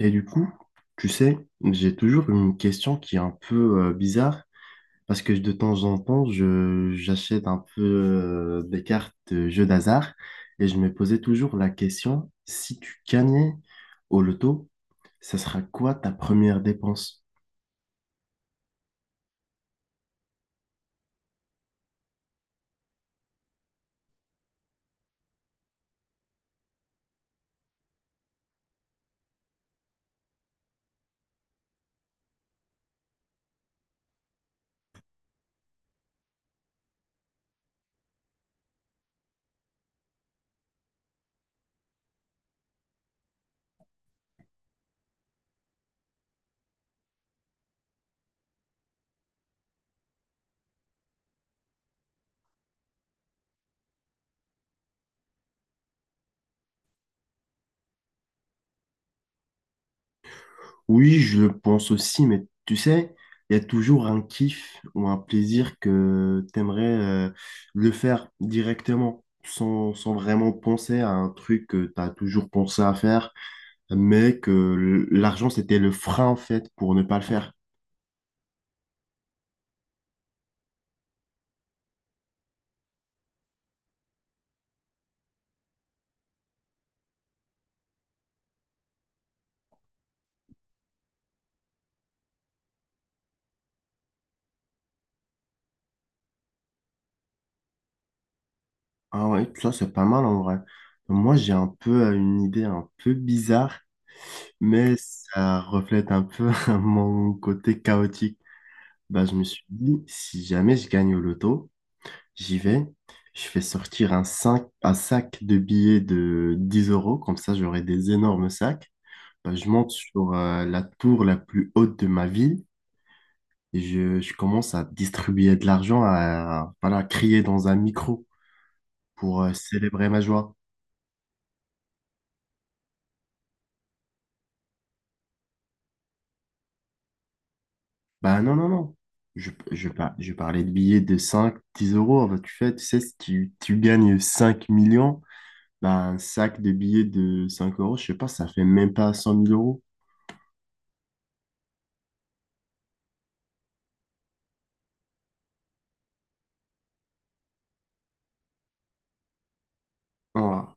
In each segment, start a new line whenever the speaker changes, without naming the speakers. Et du coup, tu sais, j'ai toujours une question qui est un peu bizarre parce que de temps en temps, j'achète un peu des cartes de jeux d'hasard et je me posais toujours la question, si tu gagnais au loto, ça sera quoi ta première dépense? Oui, je le pense aussi, mais tu sais, il y a toujours un kiff ou un plaisir que t'aimerais le faire directement sans, vraiment penser à un truc que t'as toujours pensé à faire mais que l'argent, c'était le frein, en fait, pour ne pas le faire. Ah ouais, ça, c'est pas mal, en vrai. Moi, j'ai un peu une idée un peu bizarre, mais ça reflète un peu mon côté chaotique. Bah, je me suis dit, si jamais je gagne au loto, j'y vais, je fais sortir un sac de billets de 10 euros, comme ça, j'aurai des énormes sacs. Bah, je monte sur la tour la plus haute de ma ville. Et je commence à distribuer de l'argent, à, voilà, crier dans un micro pour célébrer ma joie. Bah non, non, non. Je parlais de billets de 5 10 euros. Bah, tu fais, tu sais, si tu gagnes 5 millions, bah, un sac de billets de 5 euros, je sais pas, ça fait même pas cent mille euros. Voilà.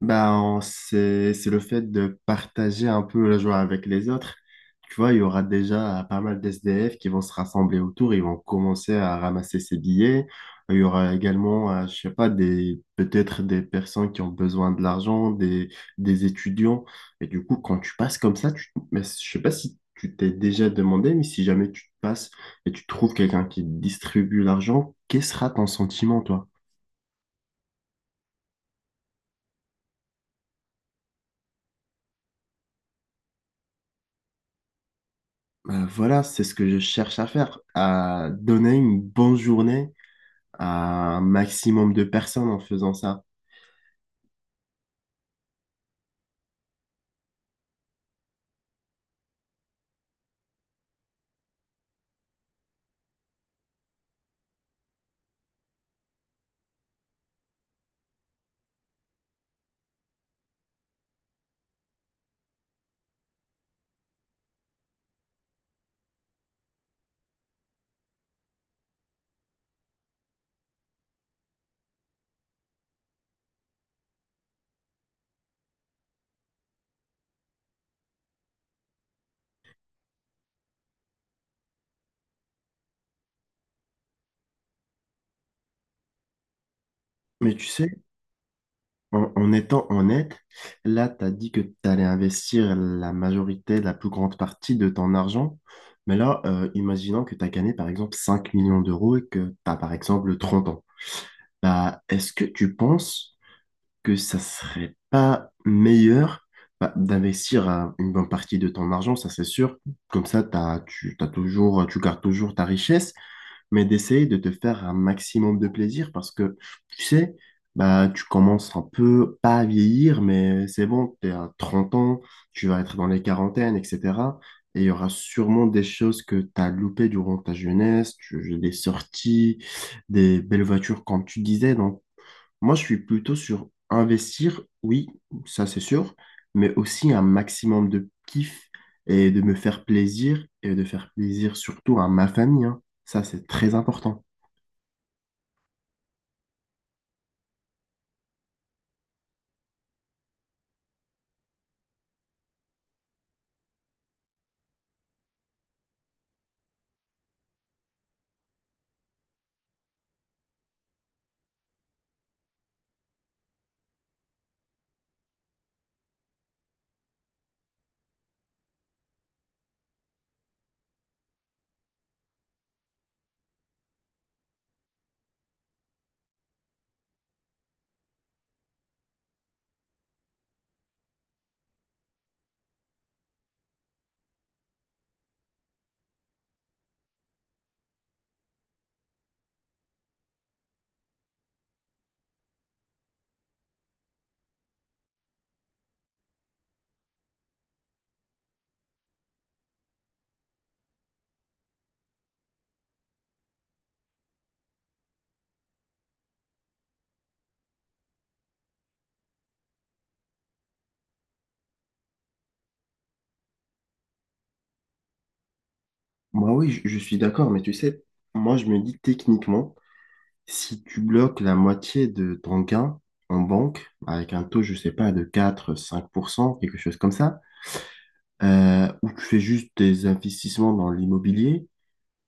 Ben, c'est le fait de partager un peu la joie avec les autres. Tu vois, il y aura déjà pas mal d'SDF qui vont se rassembler autour, ils vont commencer à ramasser ces billets. Il y aura également, je sais pas, des, peut-être des personnes qui ont besoin de l'argent, des étudiants. Et du coup, quand tu passes comme ça, mais je sais pas si tu t'es déjà demandé, mais si jamais tu passes et tu trouves quelqu'un qui distribue l'argent, quel sera ton sentiment? Voilà, c'est ce que je cherche à faire, à donner une bonne journée à un maximum de personnes en faisant ça. Mais tu sais, en étant honnête, là, tu as dit que tu allais investir la majorité, la plus grande partie de ton argent. Mais là, imaginons que tu as gagné par exemple 5 millions d'euros et que tu as par exemple 30 ans. Bah, est-ce que tu penses que ça serait pas meilleur, bah, d'investir une bonne partie de ton argent, ça c'est sûr. Comme ça, t'as toujours, tu gardes toujours ta richesse, mais d'essayer de te faire un maximum de plaisir parce que, tu sais, bah, tu commences un peu, pas à vieillir, mais c'est bon, tu es à 30 ans, tu vas être dans les quarantaines, etc. Et il y aura sûrement des choses que tu as loupées durant ta jeunesse, des sorties, des belles voitures, comme tu disais. Donc, moi, je suis plutôt sur investir, oui, ça c'est sûr, mais aussi un maximum de kiff et de me faire plaisir et de faire plaisir surtout à ma famille, hein. Ça c'est très important. Moi, oui, je suis d'accord, mais tu sais, moi je me dis techniquement, si tu bloques la moitié de ton gain en banque avec un taux, je sais pas, de 4-5 % quelque chose comme ça, ou tu fais juste des investissements dans l'immobilier.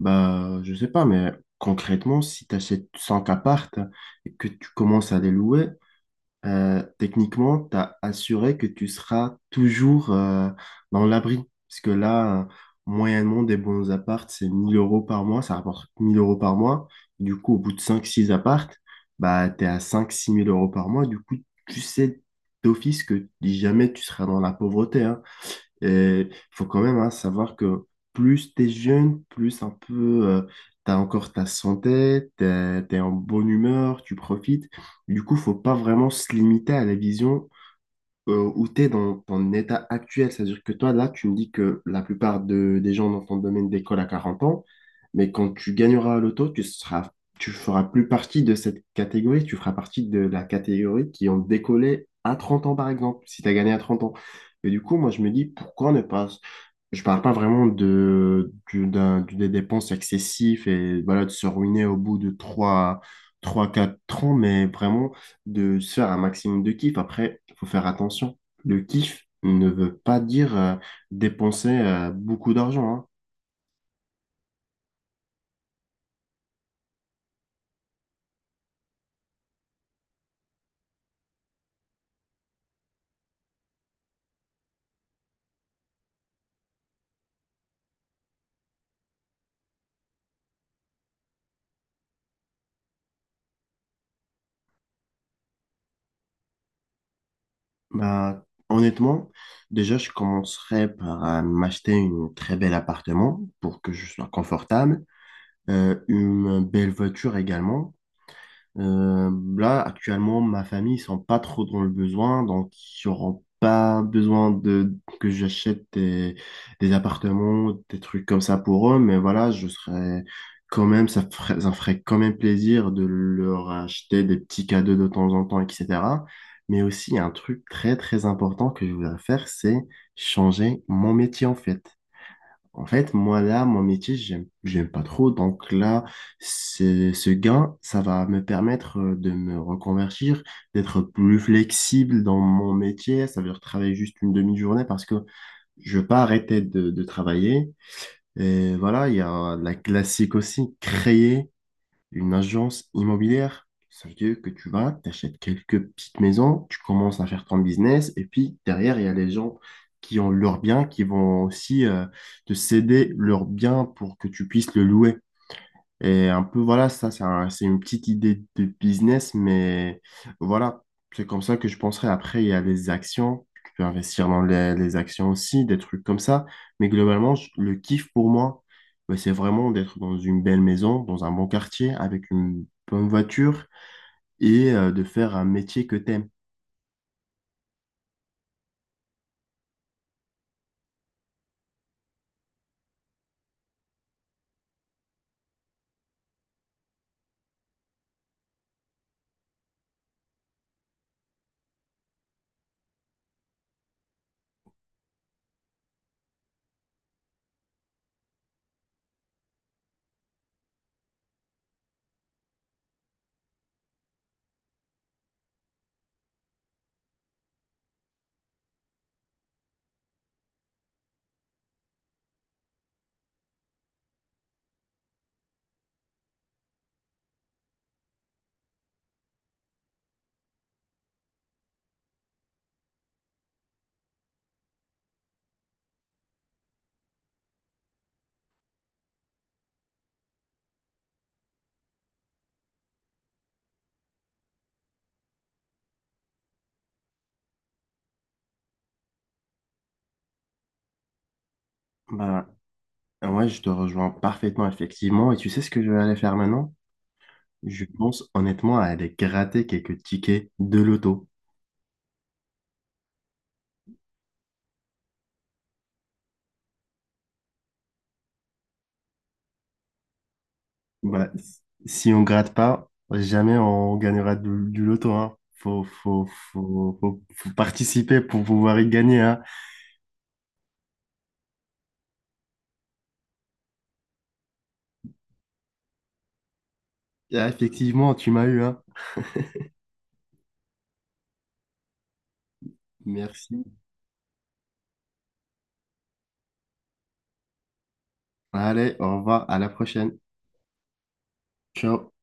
Bah, je sais pas, mais concrètement, si tu achètes 5 appartes et que tu commences à les louer, techniquement, tu as assuré que tu seras toujours dans l'abri. Parce que là, moyennement, des bons appartes, c'est 1000 euros par mois, ça rapporte 1000 euros par mois. Du coup, au bout de cinq six appartes, bah, tu es à 5-6 000 € par mois. Du coup, tu sais d'office que jamais tu seras dans la pauvreté, hein. Il faut quand même, hein, savoir que plus t'es jeune, plus un peu, tu as encore ta santé, t'es es, en bonne humeur, tu profites. Du coup, faut pas vraiment se limiter à la vision où tu es dans ton état actuel. C'est-à-dire que toi, là, tu me dis que la plupart des gens dans ton domaine d'école à 40 ans, mais quand tu gagneras à l'auto, tu seras, tu feras plus partie de cette catégorie, tu feras partie de la catégorie qui ont décollé à 30 ans, par exemple, si tu as gagné à 30 ans. Et du coup, moi, je me dis, pourquoi ne pas... Je parle pas vraiment de, du- d'un- du- des dépenses excessives et voilà, de se ruiner au bout de trois 4 ans, mais vraiment de se faire un maximum de kiff. Après, il faut faire attention. Le kiff ne veut pas dire dépenser beaucoup d'argent, hein. Bah, honnêtement, déjà, je commencerai par m'acheter une très bel appartement pour que je sois confortable, une belle voiture également. Euh, Là, actuellement, ma famille, ils sont pas trop dans le besoin, donc ils n'auront pas besoin de que j'achète des appartements, des trucs comme ça pour eux, mais voilà, je serais quand même, ça ferait quand même plaisir de leur acheter des petits cadeaux de temps en temps, etc. Mais aussi, il y a un truc très, très important que je voudrais faire, c'est changer mon métier, en fait. En fait, moi, là, mon métier, j'aime pas trop. Donc là, ce gain, ça va me permettre de me reconvertir, d'être plus flexible dans mon métier. Ça veut dire travailler juste une demi-journée parce que je veux pas arrêter de travailler. Et voilà, il y a la classique aussi, créer une agence immobilière, ça veut dire que tu vas, t'achètes quelques petites maisons, tu commences à faire ton business, et puis derrière, il y a les gens qui ont leurs biens, qui vont aussi te céder leurs biens pour que tu puisses le louer. Et un peu, voilà, ça, c'est une petite idée de business, mais voilà, c'est comme ça que je penserais. Après, il y a les actions, tu peux investir dans les actions aussi, des trucs comme ça. Mais globalement, le kiff pour moi, ben, c'est vraiment d'être dans une belle maison, dans un bon quartier, avec une bonne voiture et de faire un métier que t'aimes. Voilà. Ouais, je te rejoins parfaitement, effectivement. Et tu sais ce que je vais aller faire maintenant? Je pense honnêtement à aller gratter quelques tickets de loto. Bah, si on gratte pas, jamais on gagnera du loto, hein. Faut participer pour pouvoir y gagner, hein. Ah, effectivement, tu m'as eu, hein. Merci. Allez, au revoir, à la prochaine. Ciao.